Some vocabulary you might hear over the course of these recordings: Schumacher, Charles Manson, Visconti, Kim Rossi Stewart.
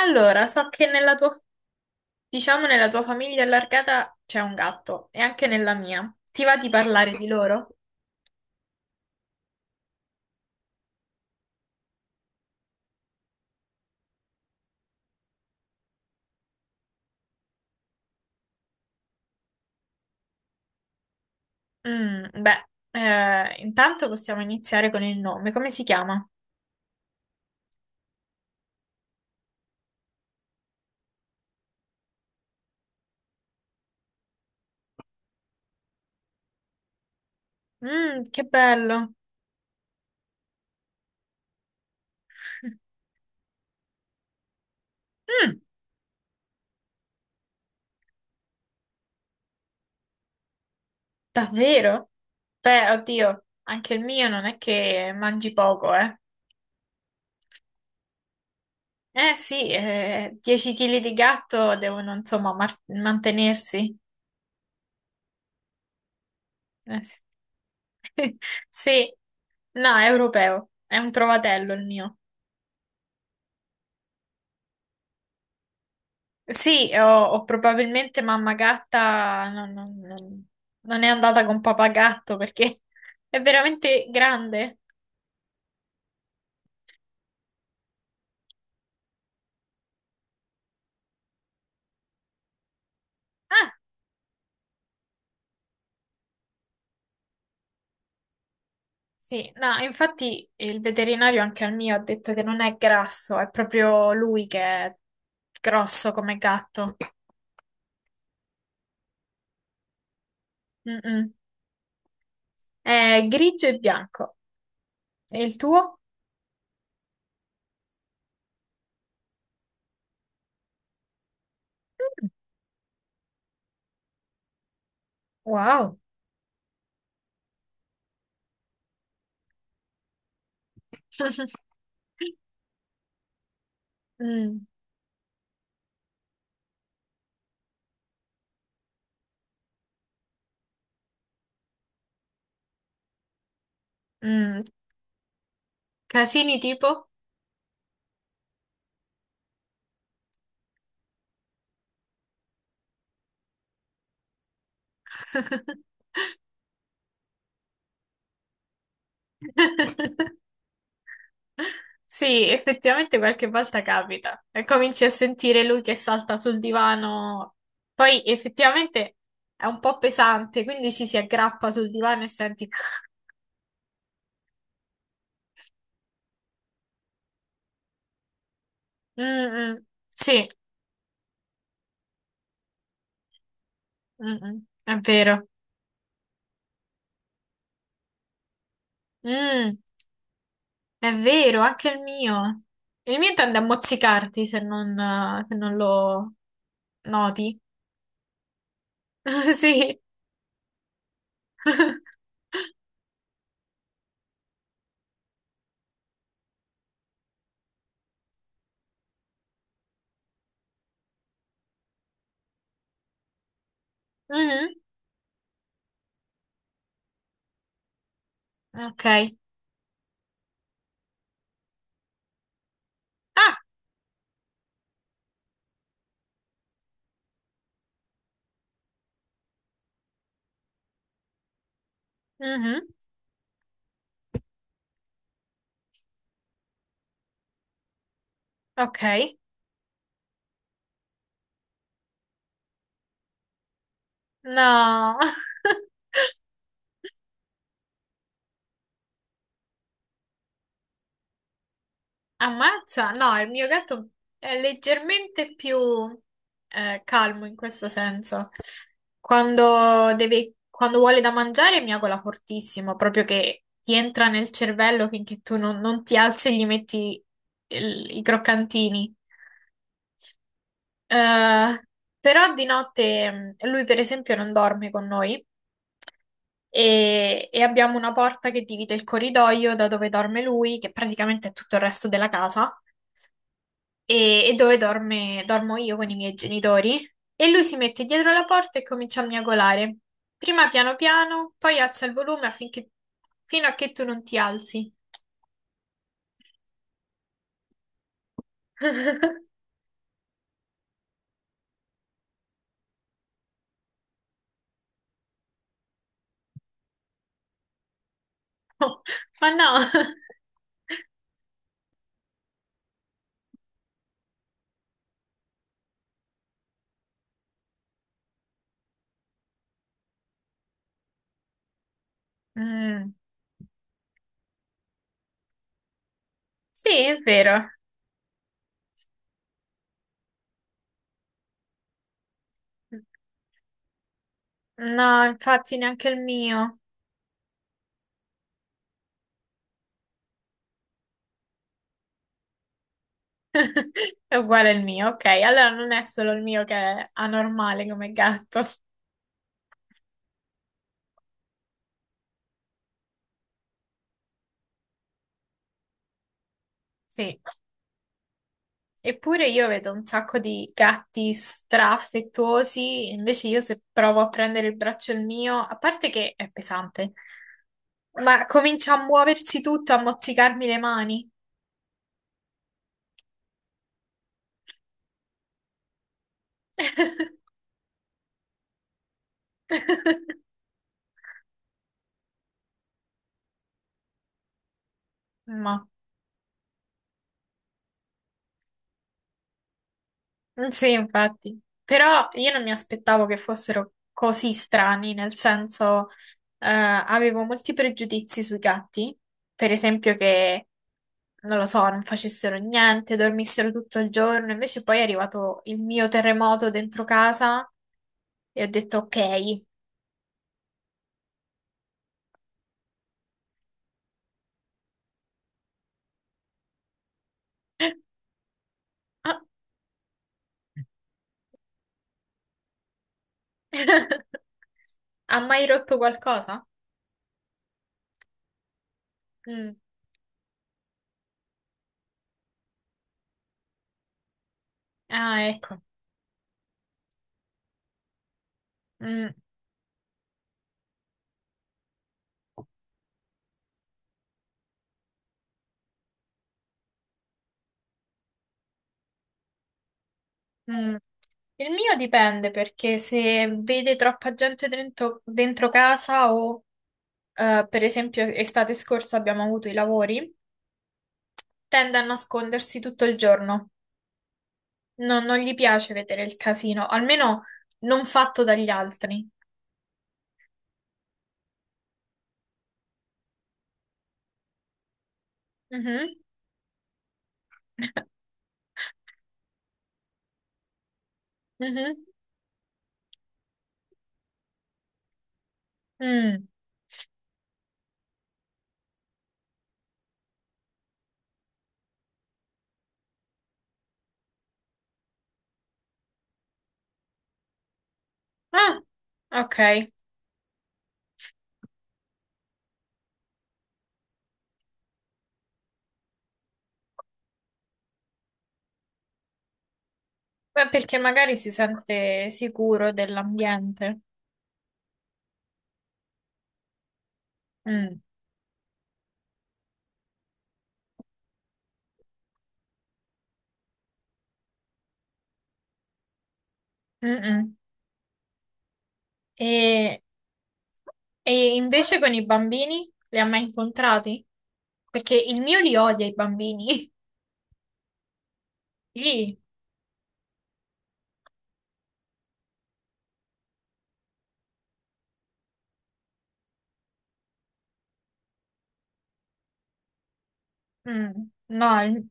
Allora, so che nella tua, diciamo, nella tua famiglia allargata c'è un gatto e anche nella mia. Ti va di parlare di loro? Mm, beh, intanto possiamo iniziare con il nome. Come si chiama? Mm, che bello. Mm, davvero? Beh, oddio, anche il mio non è che mangi poco, eh. Eh sì, 10 kg di gatto devono insomma mantenersi. Sì. Sì, no, è europeo, è un trovatello il mio. Sì, ho probabilmente mamma gatta, non è andata con papà gatto perché è veramente grande. Ah, sì, no, infatti il veterinario anche al mio ha detto che non è grasso, è proprio lui che è grosso come gatto. Mm-mm. È grigio e bianco. E il tuo? Mm, wow. Mm, mm. Casini tipo? Sì, effettivamente qualche volta capita e cominci a sentire lui che salta sul divano. Poi effettivamente è un po' pesante, quindi ci si aggrappa sul divano e senti. Mm, mm, sì, mm, mm, è vero. Mm, è vero, anche il mio. Il mio tende a mozzicarti se non lo noti. Sì. Mhm, ok. Ah, mhm, ok. No, ammazza. No, il mio gatto è leggermente più calmo in questo senso. Quando vuole da mangiare miagola fortissimo, proprio che ti entra nel cervello finché tu non ti alzi e gli metti i croccantini. Eh, però di notte lui, per esempio, non dorme con noi e abbiamo una porta che divide il corridoio da dove dorme lui, che praticamente è tutto il resto della casa, e dormo io con i miei genitori. E lui si mette dietro la porta e comincia a miagolare. Prima piano piano, poi alza il volume affinché, fino a che tu non ti alzi. Ma no. Mm, sì, è vero. No, infatti neanche il mio. È uguale al mio, ok. Allora non è solo il mio che è anormale come gatto. Sì. Eppure io vedo un sacco di gatti straaffettuosi, invece io se provo a prendere il braccio il mio, a parte che è pesante, ma comincia a muoversi tutto, a mozzicarmi le mani. Ma. Mm, sì, infatti, però io non mi aspettavo che fossero così strani, nel senso, avevo molti pregiudizi sui gatti, per esempio che, non lo so, non facessero niente, dormissero tutto il giorno, invece poi è arrivato il mio terremoto dentro casa e ho detto ok. Ah. Ha mai rotto qualcosa? Mm. Ah, ecco. Mm. Mm. Il mio dipende perché se vede troppa gente dentro casa o per esempio estate scorsa abbiamo avuto i lavori, tende a nascondersi tutto il giorno. Non gli piace vedere il casino, almeno non fatto dagli altri. Mhm. Mhm. Mm. Ah, ok. Beh, perché magari si sente sicuro dell'ambiente. Mm. Mm-mm. E, e invece con i bambini li ha mai incontrati? Perché il mio li odia i bambini. Sì. Mm, no, il,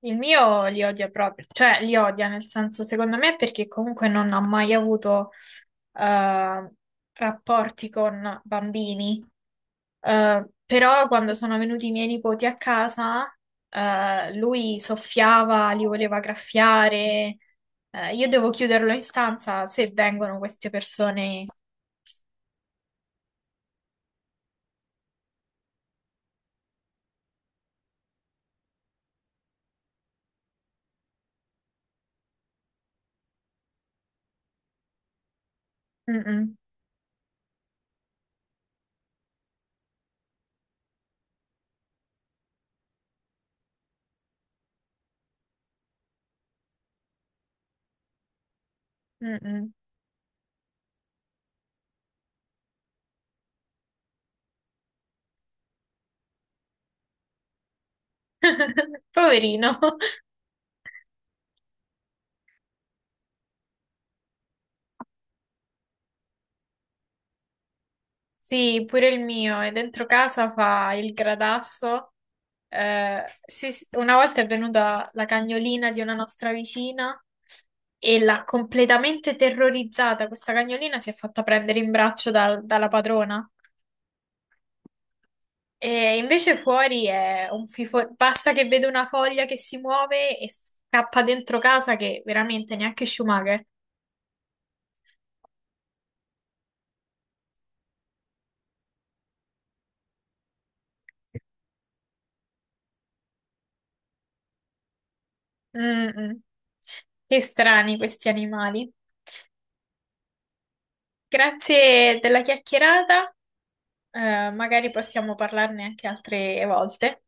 il mio li odia proprio, cioè li odia nel senso, secondo me, perché comunque non ha mai avuto eh, rapporti con bambini. Però quando sono venuti i miei nipoti a casa, lui soffiava, li voleva graffiare. Io devo chiuderlo in stanza se vengono queste persone. Mm-mm, mm-mm. Poverino. Sì, pure il mio, e dentro casa fa il gradasso. Sì, sì, una volta è venuta la cagnolina di una nostra vicina e l'ha completamente terrorizzata. Questa cagnolina si è fatta prendere in braccio dalla padrona. E invece fuori è un fifo... Basta che vede una foglia che si muove e scappa dentro casa che veramente neanche Schumacher. Mm, mm. Che strani questi animali. Grazie della chiacchierata. Magari possiamo parlarne anche altre volte.